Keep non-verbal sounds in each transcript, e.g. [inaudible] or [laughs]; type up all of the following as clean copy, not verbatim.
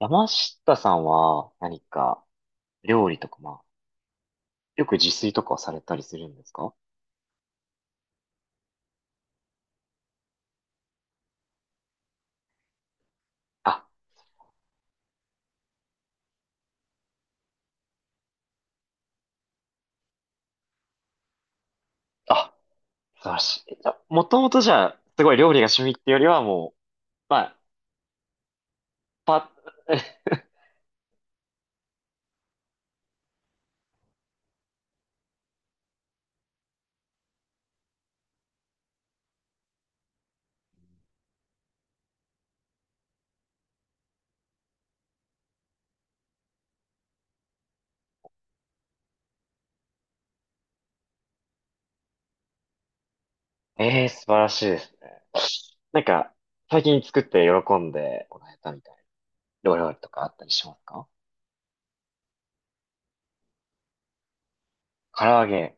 山下さんは何か料理とか、よく自炊とかをされたりするんですか？あ、あ、素晴らしい。じゃ、もともとじゃあ、すごい料理が趣味ってよりはもう、まあ、パッ、[laughs] ええー、素晴らしいですね。なんか、最近作って喜んでもらえたみたいなお料理とかあったりしますか？唐揚げ。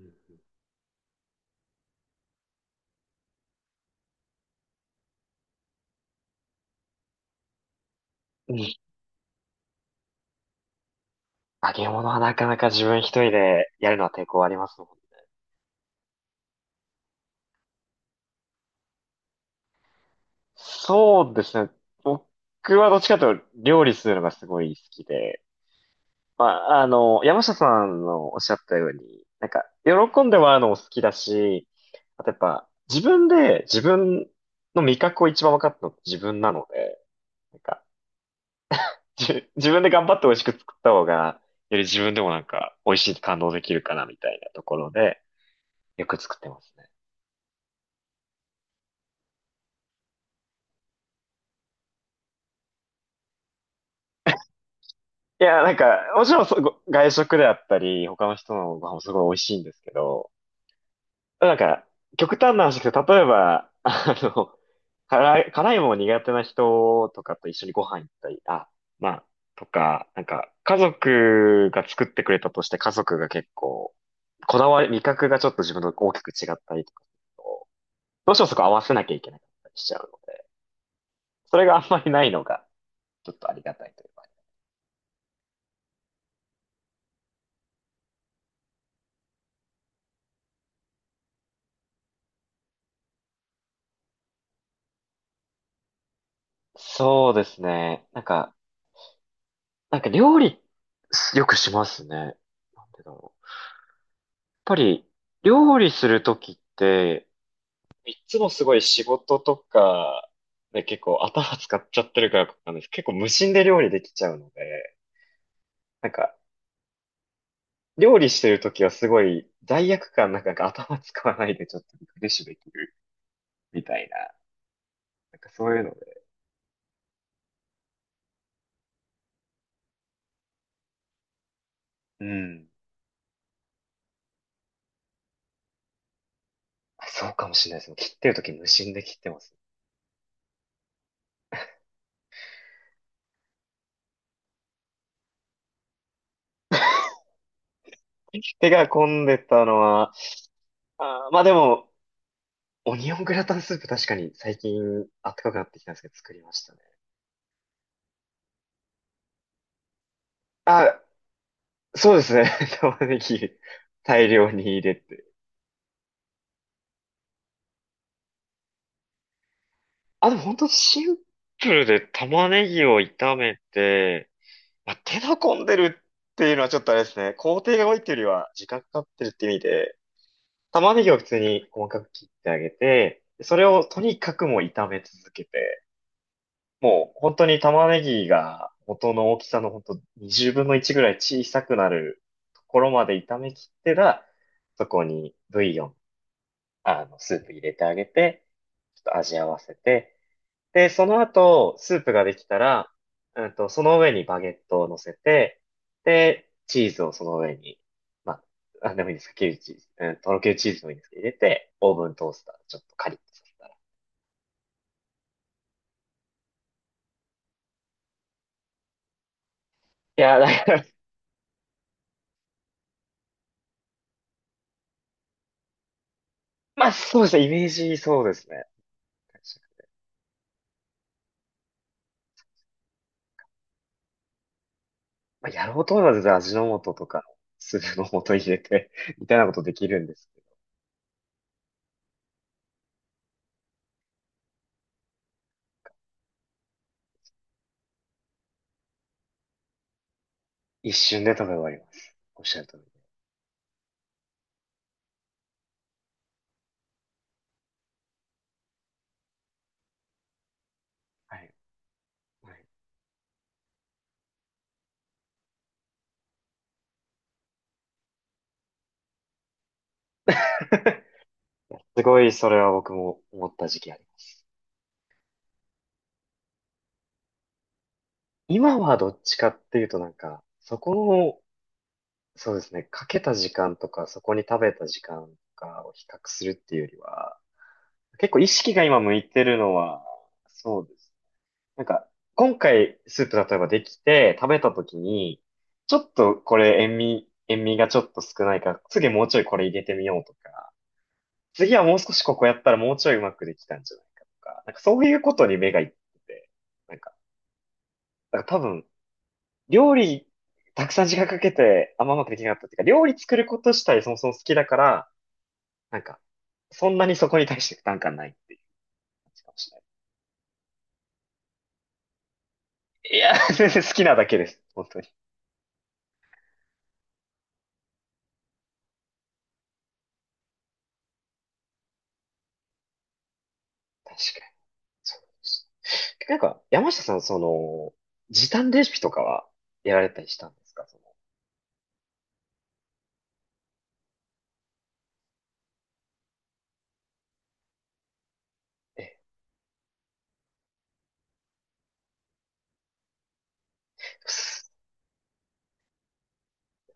うん。揚げ物はなかなか自分一人でやるのは抵抗ありますもんね。そうですね。僕はどっちかというと料理するのがすごい好きで、山下さんのおっしゃったように、喜んでもらうのも好きだし、あとやっぱ、自分で自分の味覚を一番分かったのって自分なので、なんか、自分で頑張って美味しく作った方が、より自分でも美味しいって感動できるかなみたいなところで、よく作ってますね。いや、もちろん外食であったり、他の人のご飯もすごい美味しいんですけど、なんか、極端な話ですけど、例えば、辛いもの苦手な人とかと一緒にご飯行ったり、まあ、とか、家族が作ってくれたとして、家族が結構、こだわり、味覚がちょっと自分と大きく違ったりとかすると、どうしてもそこ合わせなきゃいけなかったりしちゃうので、それがあんまりないのが、ちょっとありがたいというか。そうですね。なんか料理、よくしますね。なんでだろう。やっぱり、料理するときって、いつもすごい仕事とかで結構頭使っちゃってるからなんです。結構無心で料理できちゃうので、なんか料理してるときはすごい罪悪感なんか頭使わないでちょっとリフレッシュできるみたいな、そういうので。うん。あそうかもしれないです。切ってるとき無心で切ってます。[laughs] 手が込んでたのは、でも、オニオングラタンスープ確かに最近暖かくなってきたんですけど作りましたね。あ、そうですね。[laughs] 玉ねぎ大量に入れて。あ、でも本当シンプルで玉ねぎを炒めて、手の込んでるっていうのはちょっとあれですね。工程が多いっていうよりは時間かかってるって意味で、玉ねぎを普通に細かく切ってあげて、それをとにかくもう炒め続けて、もう本当に玉ねぎが元の大きさの本当20分の1ぐらい小さくなるところまで炒め切ってら、そこにブイヨン、スープ入れてあげて、ちょっと味合わせて、で、その後、スープができたら、その上にバゲットを乗せて、で、チーズをその上に、まなんでもいいですか、キュウリチーズ、うん、とろけるチーズもいいんですけど、入れて、オーブントースター、ちょっとカリッとさせたら。いや、だから、[laughs] そうですね、イメージそうですね。やろうと思えば全然味の素とか、スープの素入れて、[laughs] みたいなことできるんですけど、一瞬で食べ終わります。おっしゃる通り。はい。はい、[laughs] すごい、それは僕も思った時期あります。今はどっちかっていうとそこの、そうですね、かけた時間とか、そこに食べた時間とかを比較するっていうよりは、結構意識が今向いてるのは、そうです。なんか、今回スープ例えばできて食べた時に、ちょっとこれ塩味がちょっと少ないから、次もうちょいこれ入れてみようとか、次はもう少しここやったらもうちょいうまくできたんじゃないかとか、そういうことに目がいってて、なんか、だから多分料理、たくさん時間かけて、あんまうまくできなかったっていうか、料理作ること自体そもそも好きだから、なんか、そんなにそこに対して負担感ないっていう感じかもしれない。いやー、全然好きなだけです。本当に。確かに。そうです山下さん、時短レシピとかはやられたりしたんですか？え、す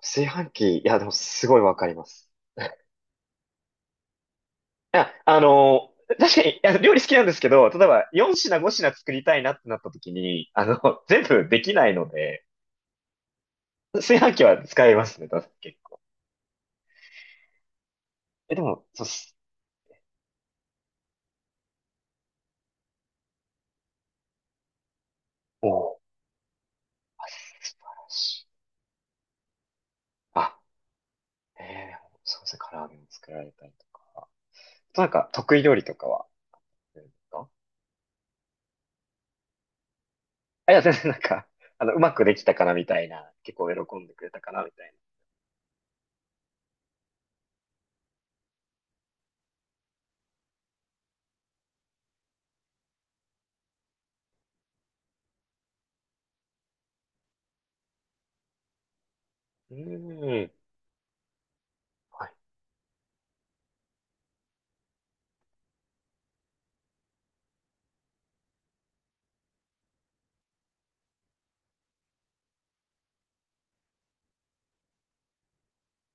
炊飯器、いや、でもすごいわかります。いや、確かに、いや、料理好きなんですけど、例えば4品5品作りたいなってなった時に、全部できないので、炊飯器は使いますね、確かに結構。え、でも、そうっす。おー、あ素晴らしい。あ、そうですね、唐揚げも作られたりとか。得意料理とかはうですか？あ、いや、全然うまくできたかなみたいな、結構喜んでくれたかなみたいな。うーん。は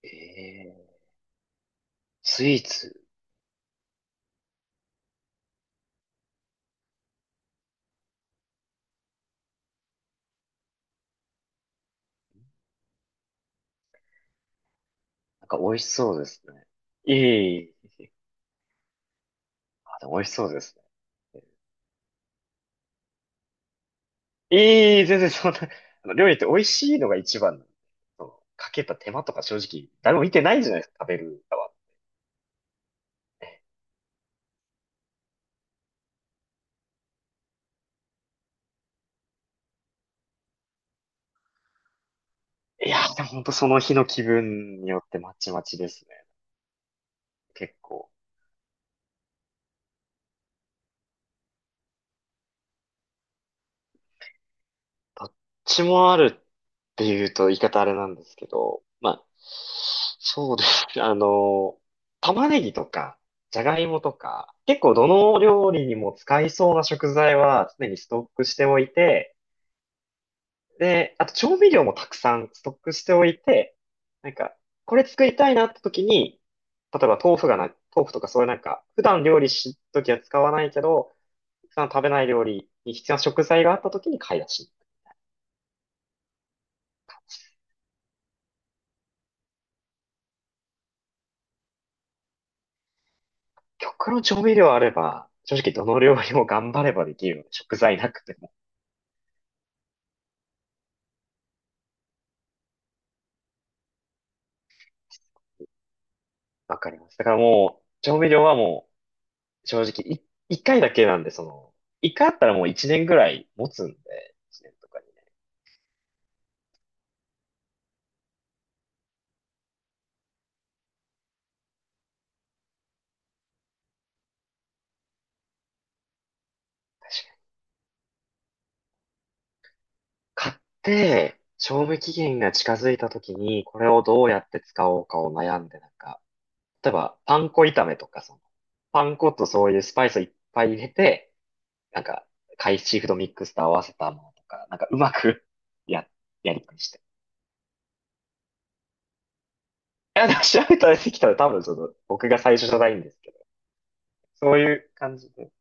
い。ええ、スイーツ、美味しそうですね。いい。あ、でも美味しそうです。ええ全然そんな、[laughs] 料理って美味しいのが一番なんで、そのかけた手間とか正直、誰も見てないじゃないですか、食べる側。いやー、でも本当その日の気分によってまちまちですね。結構。どっちもあるっていうと言い方あれなんですけど、そうですね。玉ねぎとか、じゃがいもとか、結構どの料理にも使いそうな食材は常にストックしておいて、で、あと調味料もたくさんストックしておいて、なんか、これ作りたいなって時に、例えば豆腐とかそういう普段料理しときは使わないけど、普段食べない料理に必要な食材があった時に買い出し。極論調味料あれば、正直どの料理も頑張ればできるので、食材なくてもわかります。だからもう、調味料はもう、正直一回だけなんで、一回あったらもう一年ぐらい持つんで、一年とかにね。買って、賞味期限が近づいた時に、これをどうやって使おうかを悩んで、例えば、パン粉炒めとか、パン粉とそういうスパイスをいっぱい入れて、なんか、シーフードミックスと合わせたものとか、うまく [laughs] や、やりくりして。いや、でも調べたらできたら多分、僕が最初じゃないんですけど、そういう感じで。